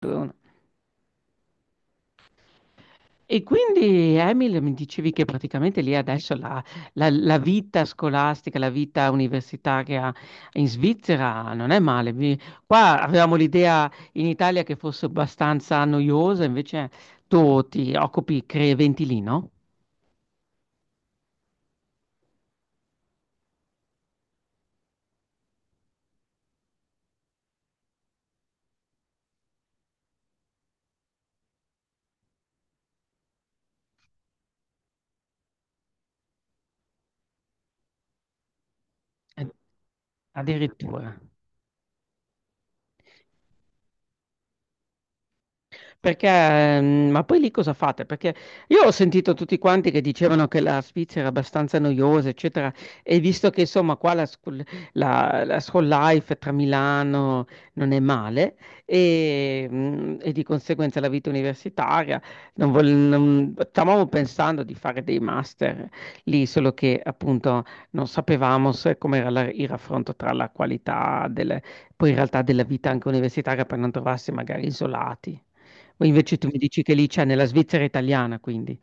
Due, uno. E quindi Emil, mi dicevi che praticamente lì adesso la, la vita scolastica, la vita universitaria in Svizzera non è male. Mi- Qua avevamo l'idea in Italia che fosse abbastanza noiosa, invece tu ti occupi, crei eventi lì, no? Eh, addirittura. Perché, ma poi lì cosa fate? Perché io ho sentito tutti quanti che dicevano che la Svizzera era abbastanza noiosa, eccetera, e visto che insomma qua la school, la school life tra Milano non è male e, e di conseguenza la vita universitaria, non vol- non- stavamo pensando di fare dei master lì, solo che appunto non sapevamo se come era il raffronto tra la qualità delle- poi in realtà della vita anche universitaria per non trovarsi magari isolati. O invece tu mi dici che lì cioè nella Svizzera italiana quindi.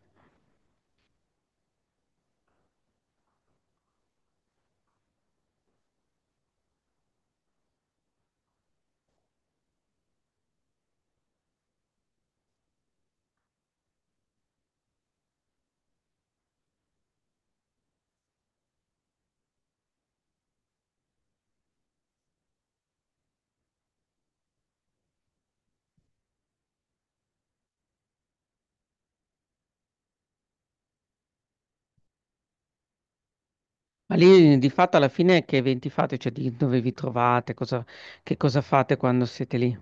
Ma lì di fatto alla fine che eventi fate? Cioè di dove vi trovate? Cosa, che cosa fate quando siete lì?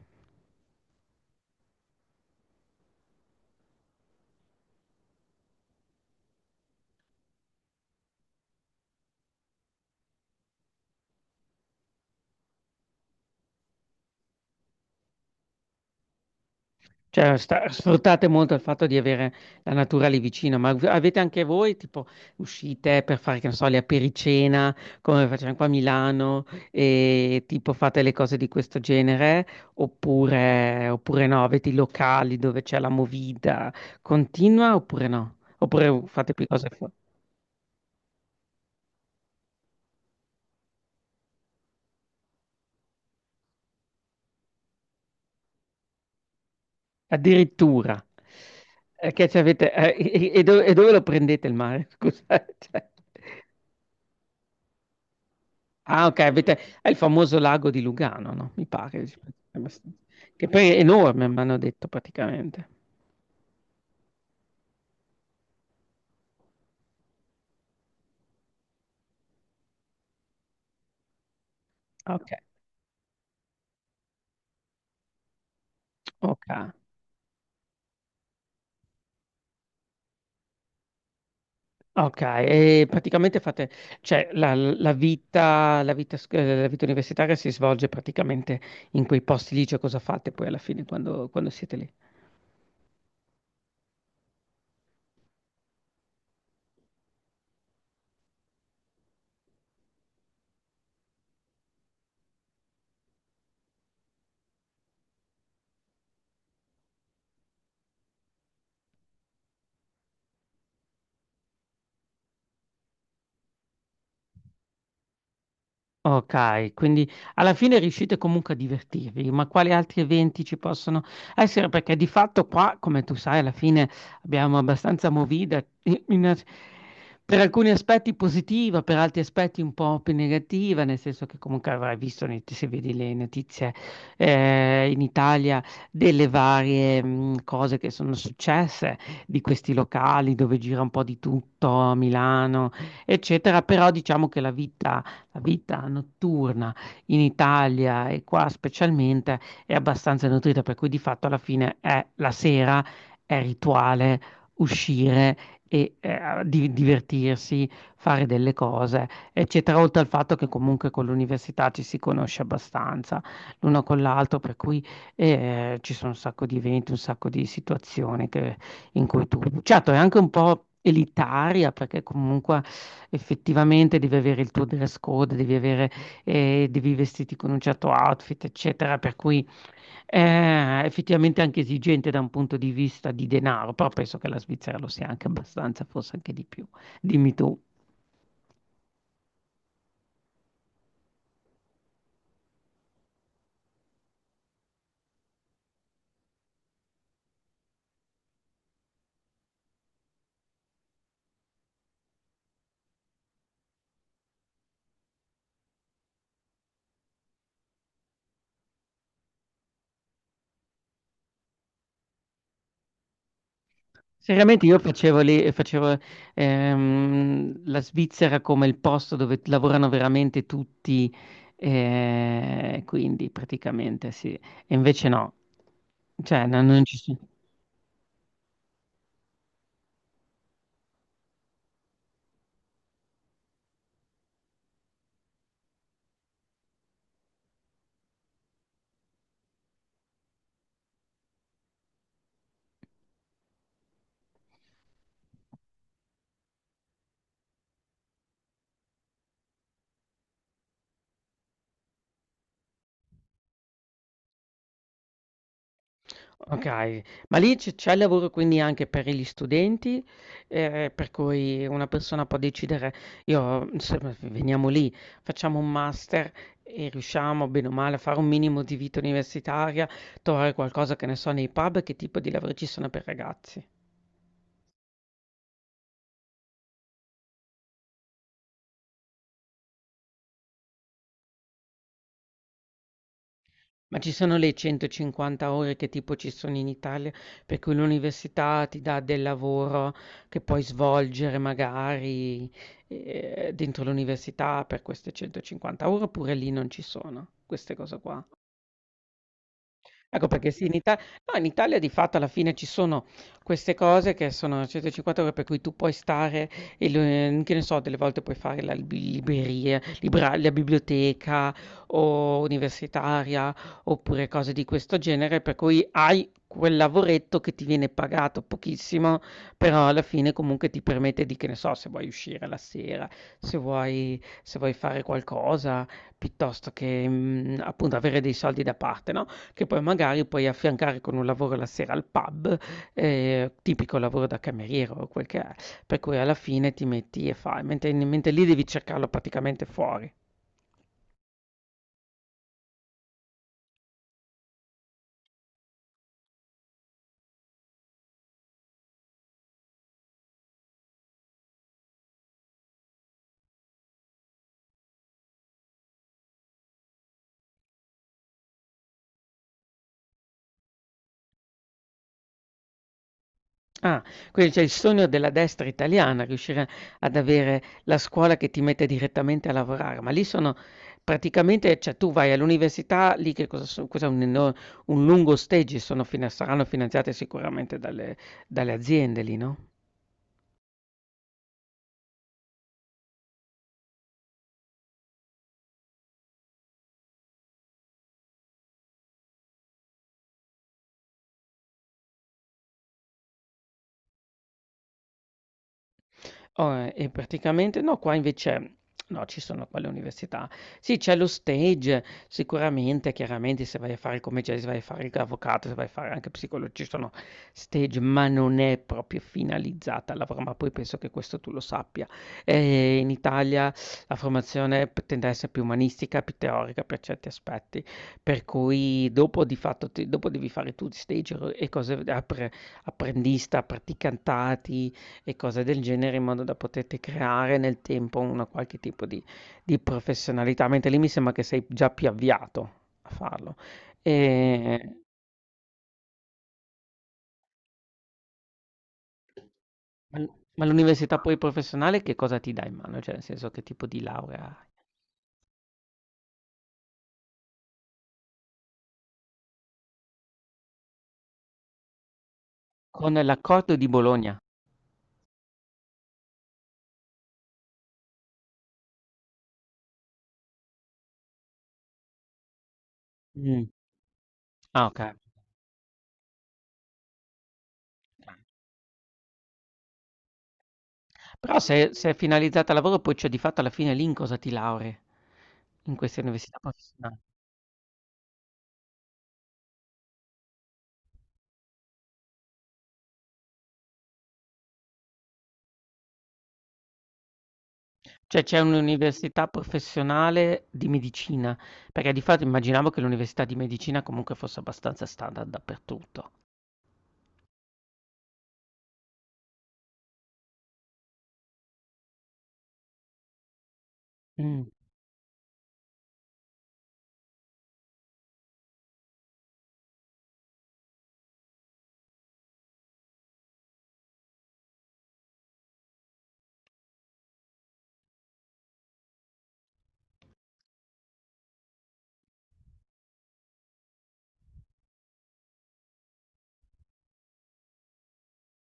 Cioè sta- sfruttate molto il fatto di avere la natura lì vicino, ma av- avete anche voi tipo uscite per fare, che ne so, le apericena, come facciamo qua a Milano, e tipo fate le cose di questo genere, oppure, oppure no, avete i locali dove c'è la movida continua oppure no? Oppure fate più cose. Addirittura. Che ci avete, e dove lo prendete il mare? Scusate. Cioè, ah, ok, avete, è il famoso lago di Lugano, no? Mi pare. È abbastanza- Che poi è enorme, mi hanno detto praticamente. Ok, ok. Ok, e praticamente fate, cioè la, la vita, sc- la vita universitaria si svolge praticamente in quei posti lì, cioè cosa fate poi alla fine quando quando siete lì? Ok, quindi alla fine riuscite comunque a divertirvi, ma quali altri eventi ci possono essere? Perché di fatto qua, come tu sai, alla fine abbiamo abbastanza movida, in- in- per alcuni aspetti positiva, per altri aspetti un po' più negativa, nel senso che comunque avrai visto, ne- se vedi le notizie in Italia, delle varie cose che sono successe, di questi locali dove gira un po' di tutto, a Milano, eccetera, però diciamo che la vita notturna in Italia e qua specialmente è abbastanza nutrita, per cui di fatto alla fine è la sera, è rituale, uscire e di- divertirsi, fare delle cose, eccetera, oltre al fatto che comunque con l'università ci si conosce abbastanza l'uno con l'altro, per cui ci sono un sacco di eventi, un sacco di situazioni che in cui tu, certo, è anche un po' elitaria perché comunque effettivamente devi avere il tuo dress code, devi avere, devi vestirti con un certo outfit, eccetera, per cui è effettivamente anche esigente da un punto di vista di denaro, però penso che la Svizzera lo sia anche abbastanza, forse anche di più. Dimmi tu. Seriamente io facevo lì, facevo la Svizzera come il posto dove lavorano veramente tutti, quindi praticamente sì, e invece no, cioè no- non ci sono. Okay, ma lì c'è lavoro quindi anche per gli studenti, per cui una persona può decidere: "Io, insomma, v veniamo lì, facciamo un master e riusciamo bene o male a fare un minimo di vita universitaria, trovare qualcosa", che ne so, nei pub, che tipo di lavori ci sono per ragazzi? Ma ci sono le 150 ore che tipo ci sono in Italia, per cui l'università ti dà del lavoro che puoi svolgere magari, dentro l'università per queste 150 ore, oppure lì non ci sono queste cose qua? Ecco perché sì, in Ita- no, in Italia di fatto alla fine ci sono queste cose che sono 150 euro per cui tu puoi stare, e lo- che ne so, delle volte puoi fare la lib- libreria, libra- la biblioteca o universitaria oppure cose di questo genere, per cui hai quel lavoretto che ti viene pagato pochissimo, però alla fine comunque ti permette di, che ne so, se vuoi uscire la sera, se vuoi, se vuoi fare qualcosa, piuttosto che appunto avere dei soldi da parte, no? Che poi magari puoi affiancare con un lavoro la sera al pub, tipico lavoro da cameriere o quel che è, per cui alla fine ti metti e fai, mentre mentre lì devi cercarlo praticamente fuori. Ah, quindi c'è il sogno della destra italiana, riuscire ad avere la scuola che ti mette direttamente a lavorare, ma lì sono praticamente cioè tu vai all'università, lì che cosa so cos'è un eno un lungo stage, sono fina saranno finanziate sicuramente dalle dalle aziende lì, no? E praticamente no, qua invece no, ci sono qua le università. Sì, c'è lo stage, sicuramente, chiaramente se vai a fare il commerciale, se vai a fare l'avvocato, se vai a fare anche psicologo, ci sono stage, ma non è proprio finalizzata al lavoro, ma poi penso che questo tu lo sappia. In Italia la formazione p tende a essere più umanistica, più teorica per certi aspetti, per cui dopo di fatto ti dopo devi fare tu stage e cose appre apprendista, praticantati, e cose del genere in modo da poterti creare nel tempo una qualche tipo di professionalità, mentre lì mi sembra che sei già più avviato a farlo. E, ma ma l'università poi professionale che cosa ti dà in mano? Cioè, nel senso che tipo di laurea hai? Con l'accordo di Bologna. Mm. Ah, ok. Però se, se è finalizzata al lavoro, poi cioè di fatto alla fine lì in cosa ti laurei? In queste università professionali. Cioè c'è un'università professionale di medicina, perché di fatto immaginavo che l'università di medicina comunque fosse abbastanza standard dappertutto. Mm.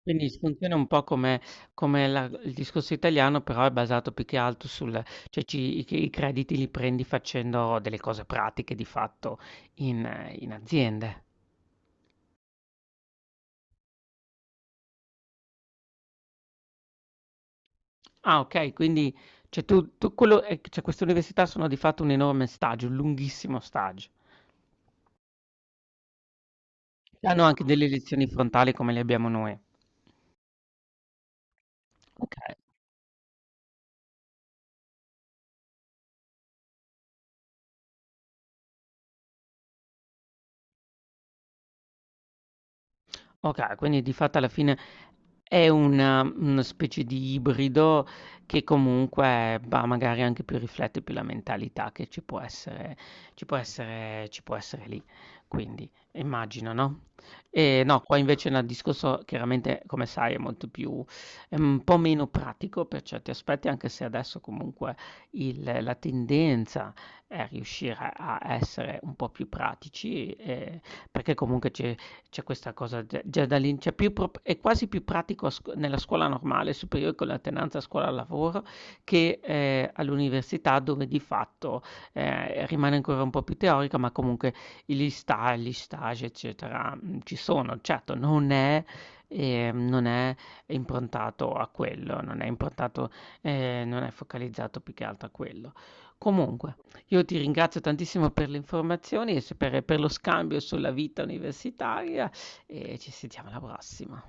Quindi funziona un po' come, come il discorso italiano, però è basato più che altro sul, cioè ci- i crediti li prendi facendo delle cose pratiche di fatto in, in aziende. Ah, ok, quindi cioè, tu, tu quello, cioè, queste università sono di fatto un enorme stage, un lunghissimo stage. Hanno anche delle lezioni frontali come le abbiamo noi. Okay, okay, quindi di fatto alla fine è una specie di ibrido che comunque, bah, magari anche più riflette più la mentalità che ci può essere ci può essere lì. Quindi immagino, no? No, qua invece nel discorso chiaramente come sai è molto più è un po' meno pratico per certi aspetti, anche se adesso comunque il la tendenza è riuscire a essere un po' più pratici, perché comunque ci c'è questa cosa già, già da lì, c'è più pro- è quasi più pratico a scu- nella scuola normale, superiore con l'alternanza scuola-lavoro, che all'università dove di fatto rimane ancora un po' più teorica, ma comunque gli sta, gli stage, eccetera, ci sono. Certo, non è, non è improntato a quello, non è improntato, non è focalizzato più che altro a quello. Comunque. Io ti ringrazio tantissimo per le informazioni e s per lo scambio sulla vita universitaria e ci sentiamo alla prossima.